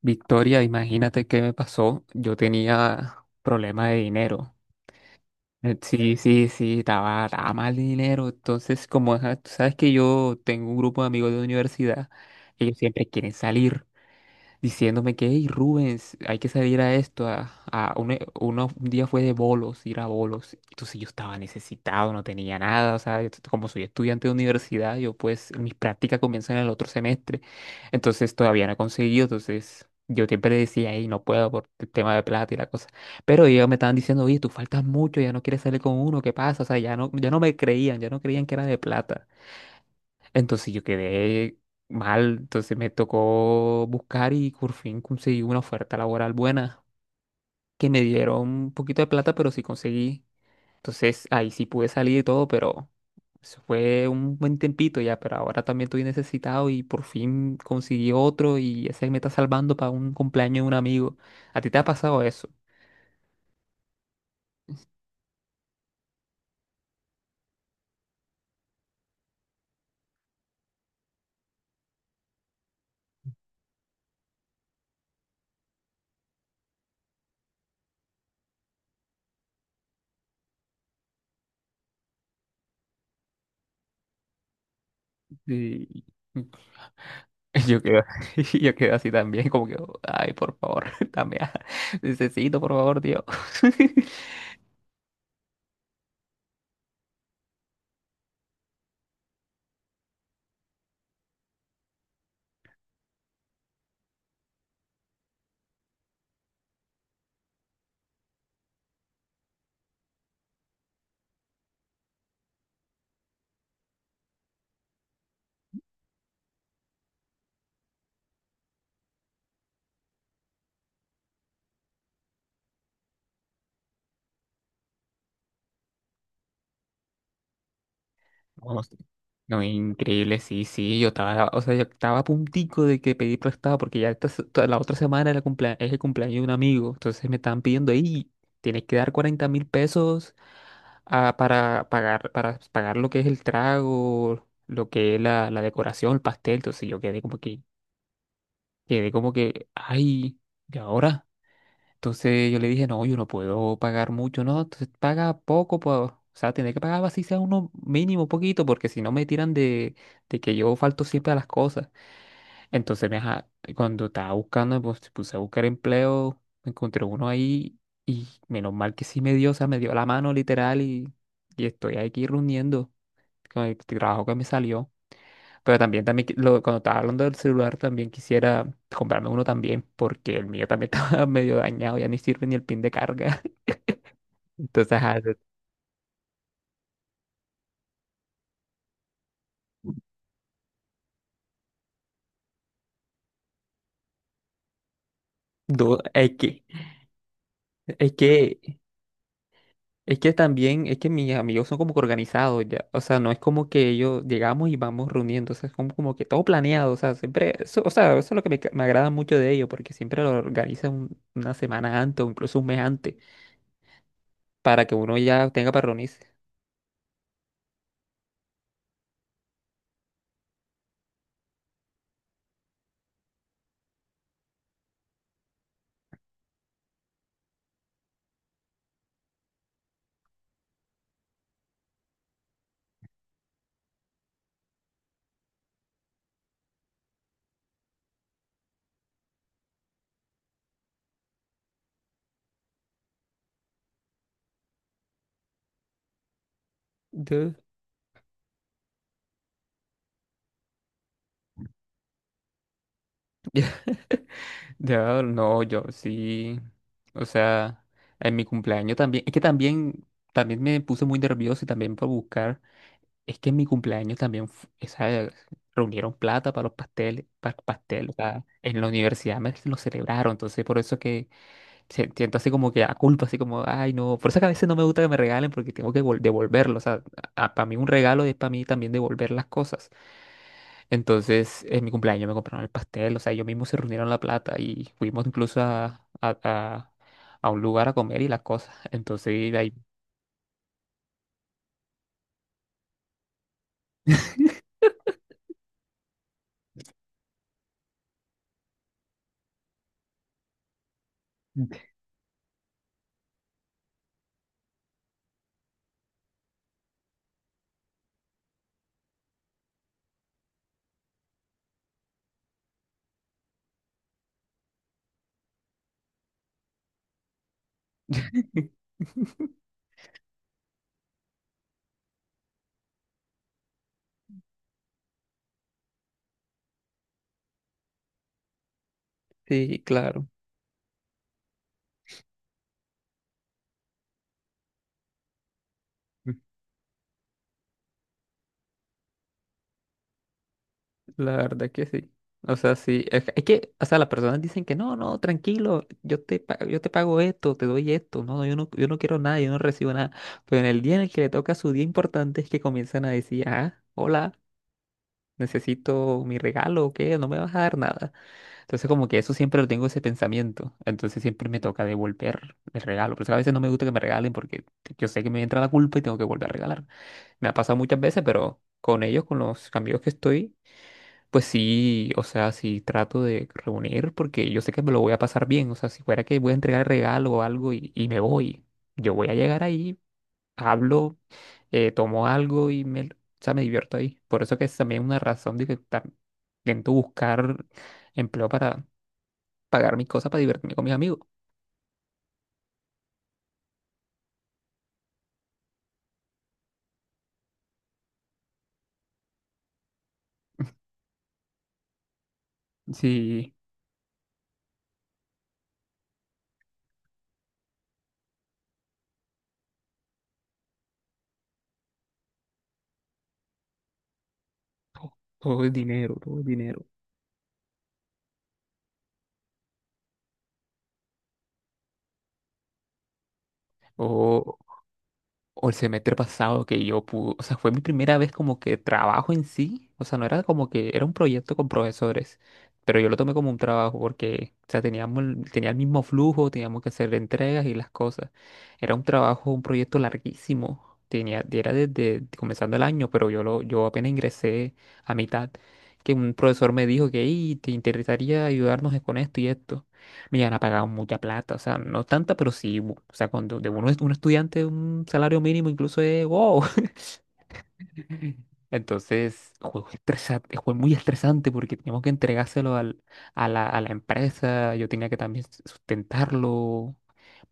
Victoria, imagínate qué me pasó. Yo tenía problema de dinero. Sí, sí, sí, estaba mal de dinero. Entonces, como ajá, tú sabes que yo tengo un grupo de amigos de universidad, ellos siempre quieren salir diciéndome que, hey, Rubens, hay que salir a esto. A un, e- uno- un día fue de bolos, ir a bolos. Entonces yo estaba necesitado, no tenía nada. O sea, como soy estudiante de universidad, yo pues mis prácticas comienzan en el otro semestre. Entonces todavía no he conseguido. Entonces yo siempre le decía, hey, no puedo por el tema de plata y la cosa. Pero ellos me estaban diciendo, oye, tú faltas mucho, ya no quieres salir con uno, ¿qué pasa? O sea, ya no me creían, ya no creían que era de plata. Entonces yo quedé mal, entonces me tocó buscar y por fin conseguí una oferta laboral buena, que me dieron un poquito de plata, pero sí conseguí. Entonces ahí sí pude salir y todo, pero eso fue un buen tiempito ya, pero ahora también estoy necesitado y por fin conseguí otro y ese me está salvando para un cumpleaños de un amigo. ¿A ti te ha pasado eso? Y yo quedo, yo quedo así también, como que, ay, por favor, también, necesito, por favor, Dios. No, sí. No, increíble, sí, sí, yo estaba, o sea, yo estaba a puntico de que pedí prestado porque ya toda la otra semana era es el cumpleaños de un amigo, entonces me estaban pidiendo ahí, tienes que dar 40.000 pesos ah, para pagar lo que es el trago, lo que es la decoración, el pastel, entonces yo quedé como que, ay, ¿y ahora? Entonces yo le dije, no, yo no puedo pagar mucho, no, entonces paga poco, o sea, tendré que pagar así sea uno mínimo, poquito, porque si no me tiran de que yo falto siempre a las cosas. Entonces, cuando estaba buscando, pues puse a buscar empleo, encontré uno ahí y menos mal que sí me dio, o sea, me dio la mano literal y estoy aquí reuniendo con el trabajo que me salió. Pero también, también cuando estaba hablando del celular, también quisiera comprarme uno también, porque el mío también estaba medio dañado, ya ni sirve ni el pin de carga. Entonces, ajá, du- es que, es que, es que mis amigos son como que organizados ya. O sea, no es como que ellos llegamos y vamos reuniendo. O sea, es como, como que todo planeado. O sea, siempre, eso, o sea, eso es lo que me, me agrada mucho de ellos, porque siempre lo organizan una semana antes o incluso un mes antes, para que uno ya tenga para reunirse. Duh. Ya, no, yo sí. O sea, en mi cumpleaños también. Es que también, también me puse muy nervioso y también por buscar. Es que en mi cumpleaños también reunieron plata para los pasteles, para pastel, o sea, en la universidad me lo celebraron, entonces por eso que siento así como que a culpa, así como, ay no, por eso que a veces no me gusta que me regalen porque tengo que devolverlo, o sea, para mí un regalo es para mí también devolver las cosas. Entonces en mi cumpleaños me compraron el pastel, o sea, ellos mismos se reunieron la plata y fuimos incluso a un lugar a comer y las cosas, entonces ahí... Sí, claro. La verdad que sí. O sea, sí. Es que, o sea, las personas dicen que no, no, tranquilo, yo te pago esto, te doy esto. No, yo no quiero nada, yo no recibo nada. Pero en el día en el que le toca su día importante es que comienzan a decir, ah, hola, necesito mi regalo o qué, no me vas a dar nada. Entonces, como que eso siempre lo tengo ese pensamiento. Entonces, siempre me toca devolver el regalo. Por eso a veces no me gusta que me regalen porque yo sé que me entra la culpa y tengo que volver a regalar. Me ha pasado muchas veces, pero con ellos, con los amigos que estoy. Pues sí, o sea, sí trato de reunir porque yo sé que me lo voy a pasar bien. O sea, si fuera que voy a entregar el regalo o algo y me voy, yo voy a llegar ahí, hablo, tomo algo y me, o sea, me divierto ahí. Por eso que es también una razón de que intento buscar empleo para pagar mis cosas, para divertirme con mis amigos. Sí, todo es dinero, todo es dinero. O el semestre pasado que yo pude, o sea, fue mi primera vez como que trabajo en sí, o sea, no era como que era un proyecto con profesores, pero yo lo tomé como un trabajo porque, o sea, teníamos, tenía el mismo flujo, teníamos que hacer entregas y las cosas. Era un trabajo, un proyecto larguísimo, tenía, era desde comenzando el año, pero yo apenas ingresé a mitad, que un profesor me dijo que, "Ey, te interesaría ayudarnos con esto y esto. Me han pagado mucha plata, o sea, no tanta, pero sí, o sea, cuando de uno es un estudiante, un salario mínimo incluso es wow. Entonces, juego estresante, juego muy estresante porque teníamos que entregárselo a la empresa, yo tenía que también sustentarlo,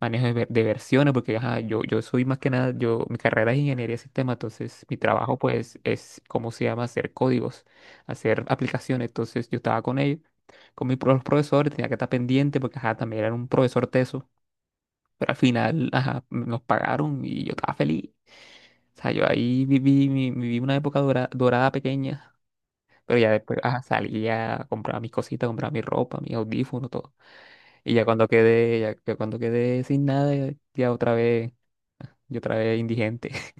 manejo de, de versiones, porque ajá, yo soy más que nada, yo, mi carrera es ingeniería de sistema, entonces mi trabajo pues es, ¿cómo se llama? Hacer códigos, hacer aplicaciones, entonces yo estaba con ellos, con mis los profesores, tenía que estar pendiente porque ajá, también era un profesor teso. Pero al final, ajá, nos pagaron y yo estaba feliz. O sea, yo ahí viví, viví una época dorada pequeña, pero ya después ajá, salía, compraba mis cositas, compraba mi ropa, mis audífonos, todo. Y ya cuando quedé, ya, cuando quedé sin nada, ya otra vez, yo otra vez indigente.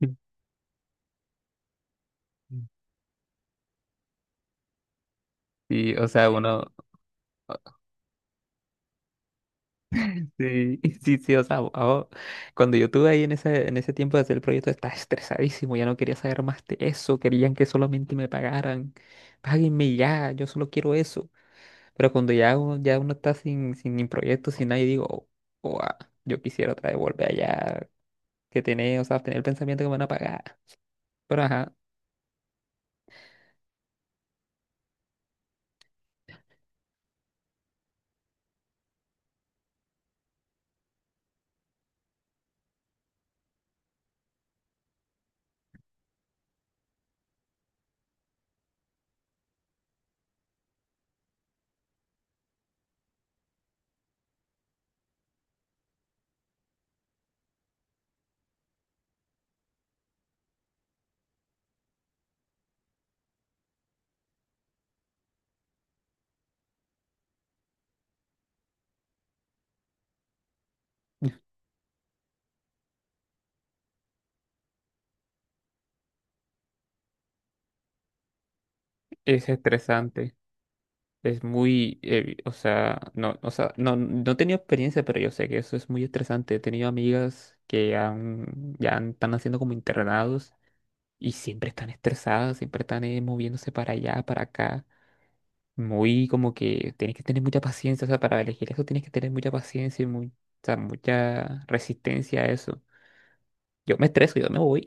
sí o sea, uno, Sí, sí, sí, o sea, ahora- cuando yo estuve ahí en ese tiempo de hacer el proyecto estaba estresadísimo, ya no quería saber más de eso, querían que solamente me pagaran, páguenme ya, yo solo quiero eso. Pero cuando ya uno está sin ni proyecto, sin nadie, digo, "Oh, oh, ah, yo quisiera otra vez volver allá, que tener, o sea, tener el pensamiento que me van a pagar. Pero ajá, es estresante. Es muy, o sea, no, o sea, no he tenido experiencia, pero yo sé que eso es muy estresante. He tenido amigas que han, están haciendo como internados y siempre están estresadas, siempre están moviéndose para allá, para acá. Muy como que tienes que tener mucha paciencia, o sea, para elegir eso tienes que tener mucha paciencia y muy, o sea, mucha resistencia a eso. Yo me estreso, yo me voy.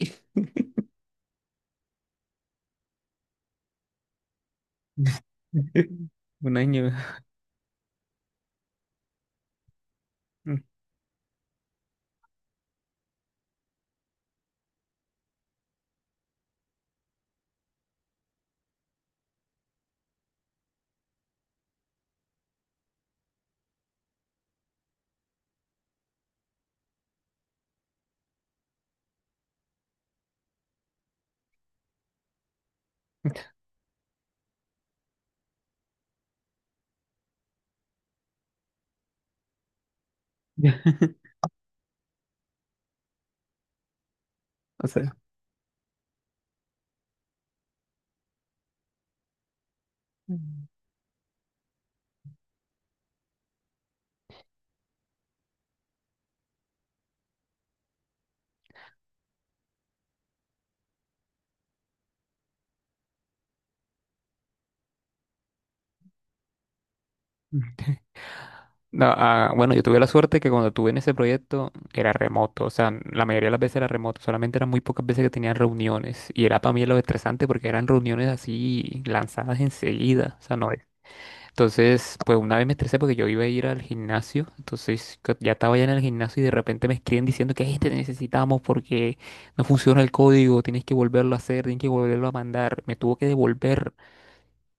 Un año. O sea. No, ah, bueno, yo tuve la suerte que cuando tuve en ese proyecto era remoto, o sea, la mayoría de las veces era remoto, solamente eran muy pocas veces que tenían reuniones y era para mí lo estresante porque eran reuniones así lanzadas enseguida, o sea, no es. Entonces, pues una vez me estresé porque yo iba a ir al gimnasio, entonces ya estaba ya en el gimnasio y de repente me escriben diciendo que "Ey, te necesitamos porque no, funciona el código, tienes que volverlo a hacer, tienes que volverlo a mandar, me tuvo que devolver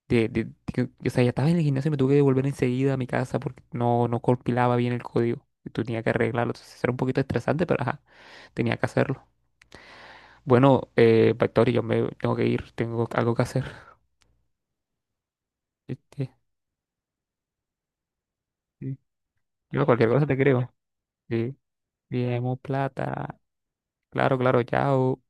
o sea, ya estaba en el gimnasio y me tuve que devolver enseguida a mi casa porque no, no compilaba bien el código. Y tenía que arreglarlo. Entonces era un poquito estresante, pero ajá, tenía que hacerlo. Bueno, Factory, yo me tengo que ir, tengo algo que hacer. Este, sí. Yo cualquier cosa te creo. Sí, bien, plata. Claro, claro, chao.